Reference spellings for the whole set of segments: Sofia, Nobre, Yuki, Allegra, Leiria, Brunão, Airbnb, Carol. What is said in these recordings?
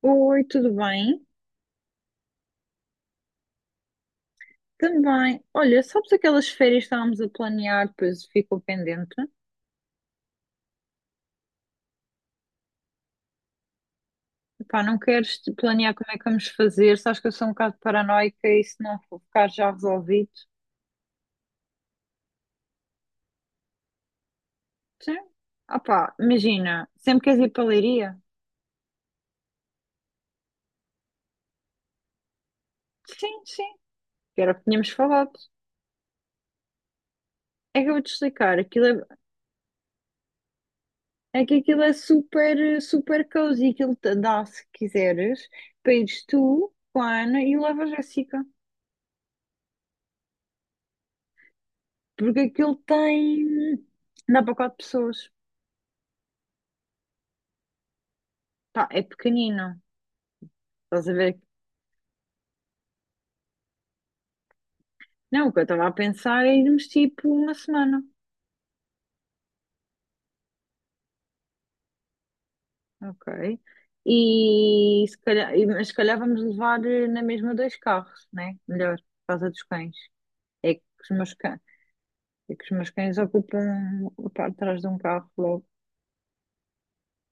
Oi, tudo bem? Também. Olha, sabes aquelas férias que estávamos a planear, depois ficou pendente? Epá, não queres te planear como é que vamos fazer? Sabes que eu sou um bocado paranoica e se não for ficar já resolvido? Sim. Ah pá, imagina, sempre queres ir para a Leiria? Sim, sim, que era o que tínhamos falado. É que eu vou-te explicar, aquilo é, é que aquilo é super, super cozy, aquilo te dá, se quiseres, para ires tu com a Ana e leva a Jéssica. Porque aquilo tem. Dá para quatro pessoas. Pá, é pequenino. Estás a ver? Não, o que eu estava a pensar é irmos tipo uma semana. Ok. E se calhar, e- mas se calhar vamos levar na mesma dois carros, né? Melhor, por causa dos cães. É que os meus cães, é que os meus cães ocupam a parte de trás de um carro logo.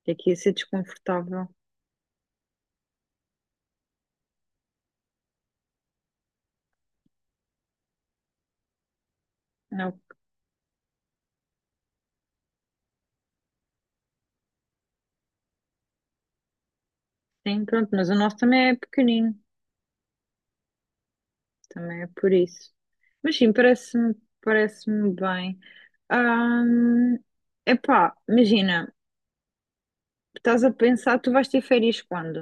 É que ia ser desconfortável. Não, sim, pronto, mas o nosso também é pequenino. Também é por isso. Mas sim, parece-me bem. É epá, imagina, estás a pensar, tu vais ter férias quando?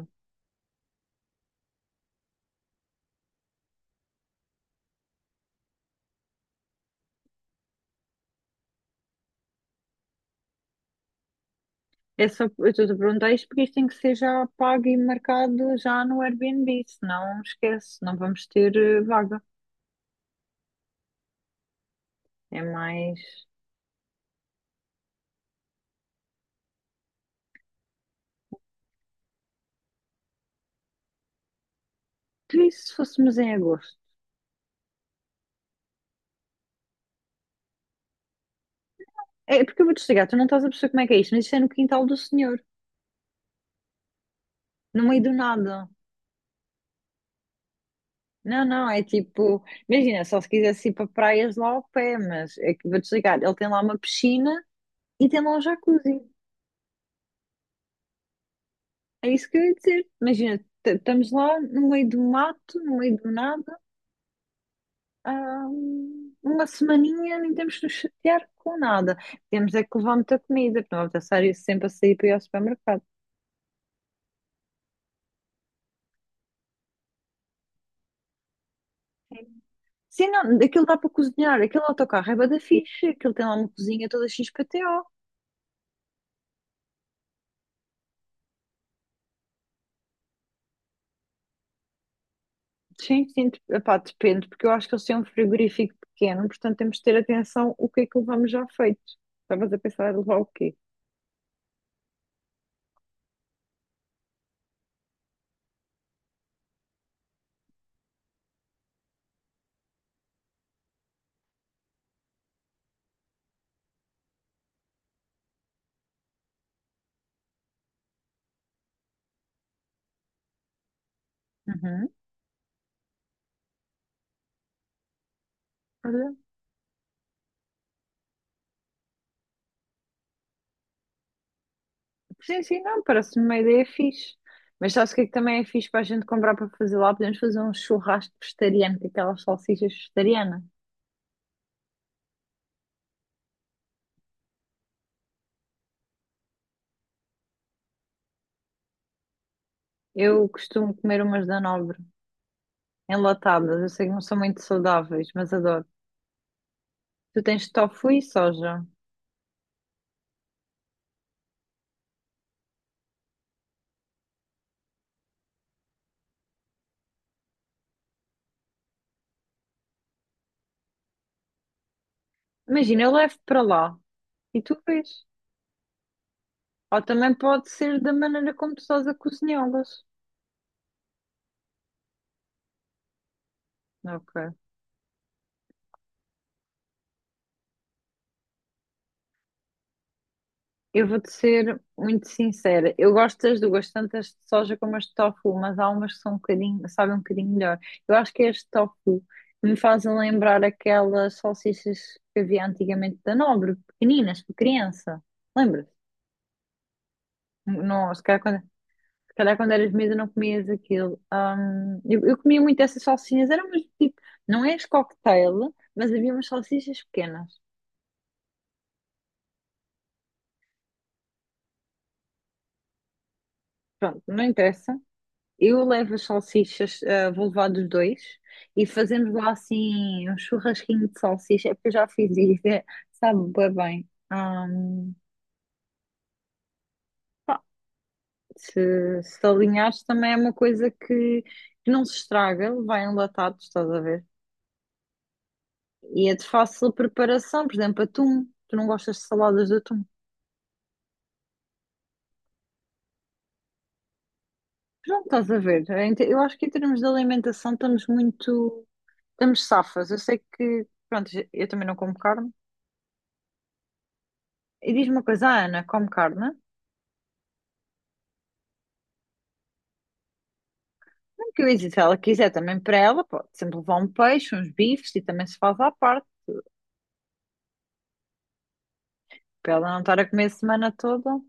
É só, eu estou-te a perguntar isto porque isto tem que ser já pago e marcado já no Airbnb, senão esquece, não vamos ter vaga. É mais. Tu e se fôssemos em agosto? É porque eu vou te explicar, tu não estás a perceber como é que é isto, mas isto é no quintal do senhor, no meio do nada. Não, não, é tipo, imagina, só se quisesse ir para praias lá ao pé, mas é que vou desligar. Ele tem lá uma piscina e tem lá um jacuzzi. É isso que eu ia dizer. Imagina, estamos lá no meio do mato, no meio do nada, há uma semaninha, nem temos que nos chatear com nada. Temos é que levar muita comida, porque não vamos estar sempre a sair para ir ao supermercado. Sim, não, aquilo dá para cozinhar, aquele autocarro é bué da fixe, aquilo tem lá uma cozinha toda XPTO. Sim, sim, epá, depende, porque eu acho que eles têm um frigorífico pequeno, portanto temos de ter atenção o que é que levamos já feito. Estavas a pensar em levar o quê? Uhum. Olha. Sim, sim, não, parece-me uma ideia fixe. Mas sabes o que é que também é fixe para a gente comprar para fazer lá? Podemos fazer um churrasco vegetariano, com aquelas salsichas vegetarianas. Eu costumo comer umas da Nobre, enlatadas. Eu sei que não são muito saudáveis, mas adoro. Tu tens tofu e soja. Imagina, eu levo para lá e tu vês. Ou também pode ser da maneira como tu estás a cozinhá-las. Ok. Eu vou-te ser muito sincera. Eu gosto das duas, tanto as de soja como as de tofu, mas há umas que são um bocadinho, sabem um bocadinho melhor. Eu acho que é as de tofu me fazem lembrar aquelas salsichas que havia antigamente da Nobre, pequeninas, para criança. Lembras? Não, se calhar quando, se calhar quando eras miúda não comias aquilo. Eu comia muito essas salsinhas, eram umas tipo, não és cocktail, mas havia umas salsichas pequenas. Pronto, não interessa. Eu levo as salsichas, ah, vou levar dos dois e fazemos lá assim um churrasquinho de salsicha, é porque eu já fiz isso, é, sabe bué bem. Ah, pá, se alinhares também é uma coisa que não se estraga, vai enlatado, estás a ver? E é de fácil preparação, por exemplo, atum. Tu não gostas de saladas de atum? Pronto, estás a ver. Eu acho que em termos de alimentação estamos muito. Estamos safas. Eu sei que. Pronto, eu também não como carne. E diz-me uma coisa, a Ana come carne? Que eu disse, se ela quiser também para ela, pode sempre levar um peixe, uns bifes e também se faz à parte, para ela não estar a comer a semana toda.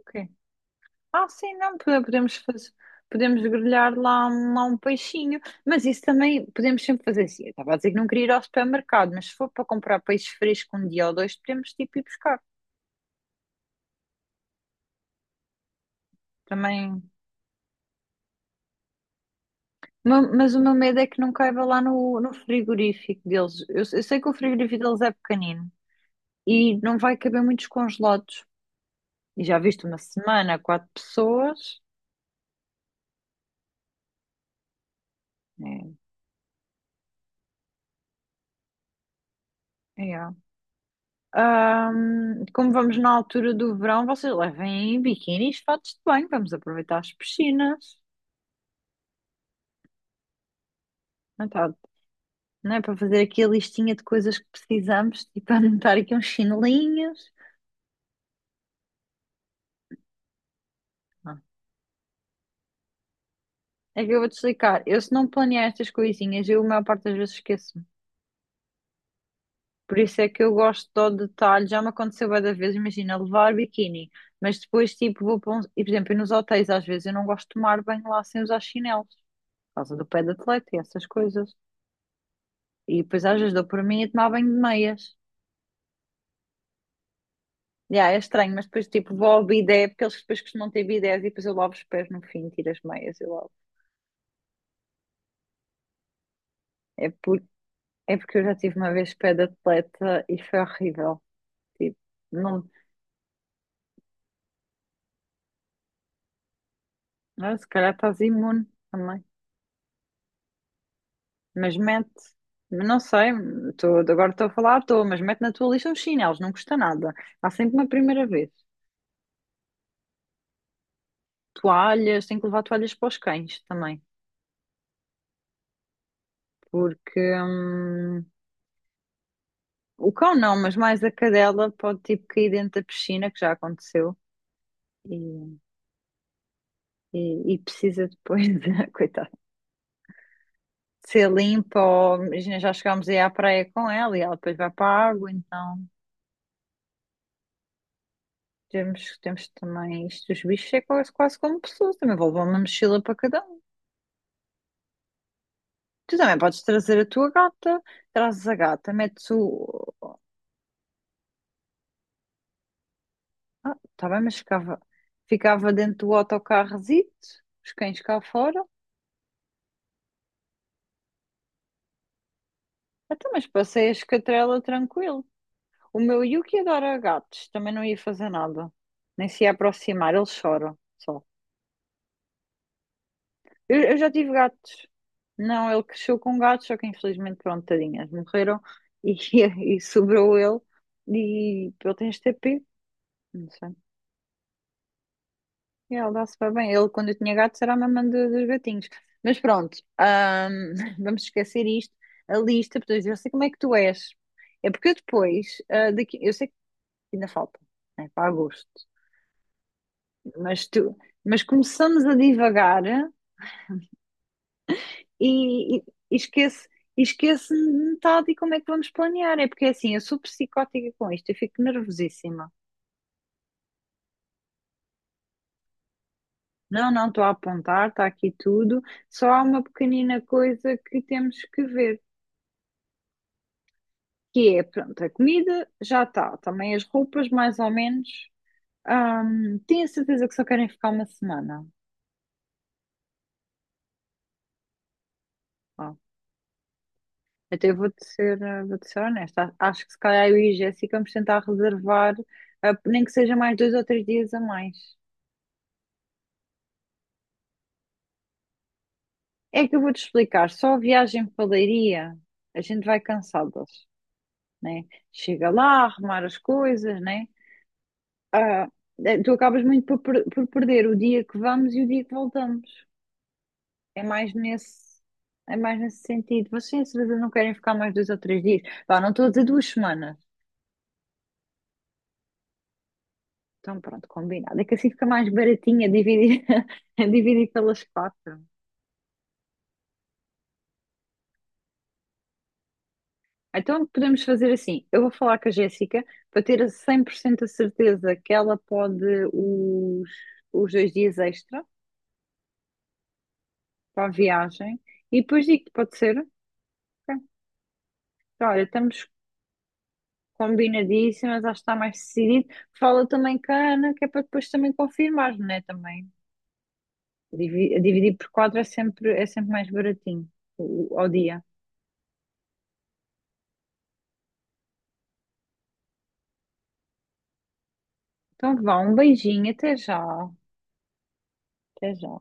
Ok. Ah, sim, não, podemos fazer, podemos grelhar lá, lá um peixinho, mas isso também podemos sempre fazer assim. Eu estava a dizer que não queria ir ao supermercado, mas se for para comprar peixe fresco um dia ou dois, podemos tipo ir buscar também. Mas o meu medo é que não caiba lá no, no frigorífico deles. Eu sei que o frigorífico deles é pequenino e não vai caber muitos congelados. E já viste uma semana, quatro pessoas. É, é. É. Como vamos na altura do verão, vocês levem biquínis, fatos de banho, vamos aproveitar as piscinas. Não tá- não é para fazer aqui a listinha de coisas que precisamos e para anotar aqui uns chinelinhos. Ah, é que eu vou-te explicar. Eu, se não planear estas coisinhas, eu a maior parte das vezes esqueço. Por isso é que eu gosto do detalhe. Já me aconteceu bué da vez, imagina, levar biquíni, mas depois, tipo, vou para um... E, por exemplo, nos hotéis, às vezes, eu não gosto de tomar banho lá sem usar chinelos, por causa do pé de atleta e essas coisas. E depois, às vezes, dou por mim a tomar banho de meias. Já, é estranho, mas depois, tipo, vou ao bidé, porque eles depois costumam ter bidés e depois eu lavo os pés no fim, tiro as meias e lavo. É, por... é porque eu já tive uma vez pé de atleta e foi horrível. Tipo, não... Ah, se calhar estás imune também. Mas mete, não sei, tô, agora estou a falar à toa, mas mete na tua lista uns chinelos, não custa nada. Há sempre uma primeira vez. Toalhas, tem que levar toalhas para os cães também, porque o cão não, mas mais a cadela pode tipo cair dentro da piscina, que já aconteceu, e, e precisa depois, de, coitada, de ser limpa, ou imagina, já chegámos aí à praia com ela e ela depois vai para a água, então temos, temos também isto, os bichos é quase, quase como pessoas, também vou levar uma mochila para cada. Tu também podes trazer a tua gata, trazes a gata, metes o. Ah, tá bem, mas ficava, ficava dentro do autocarrozito, os cães cá fora. Até, mas passei a escatrela tranquilo. O meu Yuki adora gatos, também não ia fazer nada, nem se ia aproximar, ele chora só. Eu já tive gatos. Não, ele cresceu com gatos, só que infelizmente, pronto, tadinhas, morreram e, e sobrou ele. E ele tem este TP, não sei. Ele dá super bem. Ele, quando eu tinha gatos, era a mamã dos gatinhos. Mas pronto, vamos esquecer isto. A lista, porque eu sei como é que tu és. É porque eu depois, ah, daqui, eu sei que ainda falta, né, para agosto, mas, tu, mas começamos a divagar e, e, e esquece, e esquece metade e como é que vamos planear. É porque assim, eu sou psicótica com isto, eu fico nervosíssima. Não, não, estou a apontar, está aqui tudo. Só há uma pequenina coisa que temos que ver. Que é, pronto, a comida já está, também as roupas, mais ou menos. Tenho a certeza que só querem ficar uma semana. Pá. Até vou-te ser, vou-te ser honesta. Acho que se calhar eu e a Jéssica vamos tentar reservar, nem que seja mais dois ou três dias a mais. É que eu vou-te explicar, só a viagem para Leiria, a gente vai cansadas, né? Chega lá, arrumar as coisas, né? Ah, tu acabas muito por, por perder o dia que vamos e o dia que voltamos. É mais nesse, é mais nesse sentido. Vocês, às vezes, não querem ficar mais dois ou três dias. Pá, não estou a dizer duas semanas. Então, pronto, combinado. É que assim fica mais baratinho a dividir, a dividir pelas quatro. Então, podemos fazer assim. Eu vou falar com a Jéssica para ter a 100% a certeza que ela pode os, os dois dias extra para a viagem. E depois digo, pode ser? Ok. Então, olha, estamos combinadíssimas, acho que está mais decidido. Fala também com a Ana, que é para depois também confirmar, não é? Também. Dividir por quatro é sempre mais baratinho ao dia. Então vá, um beijinho, até já. Até já.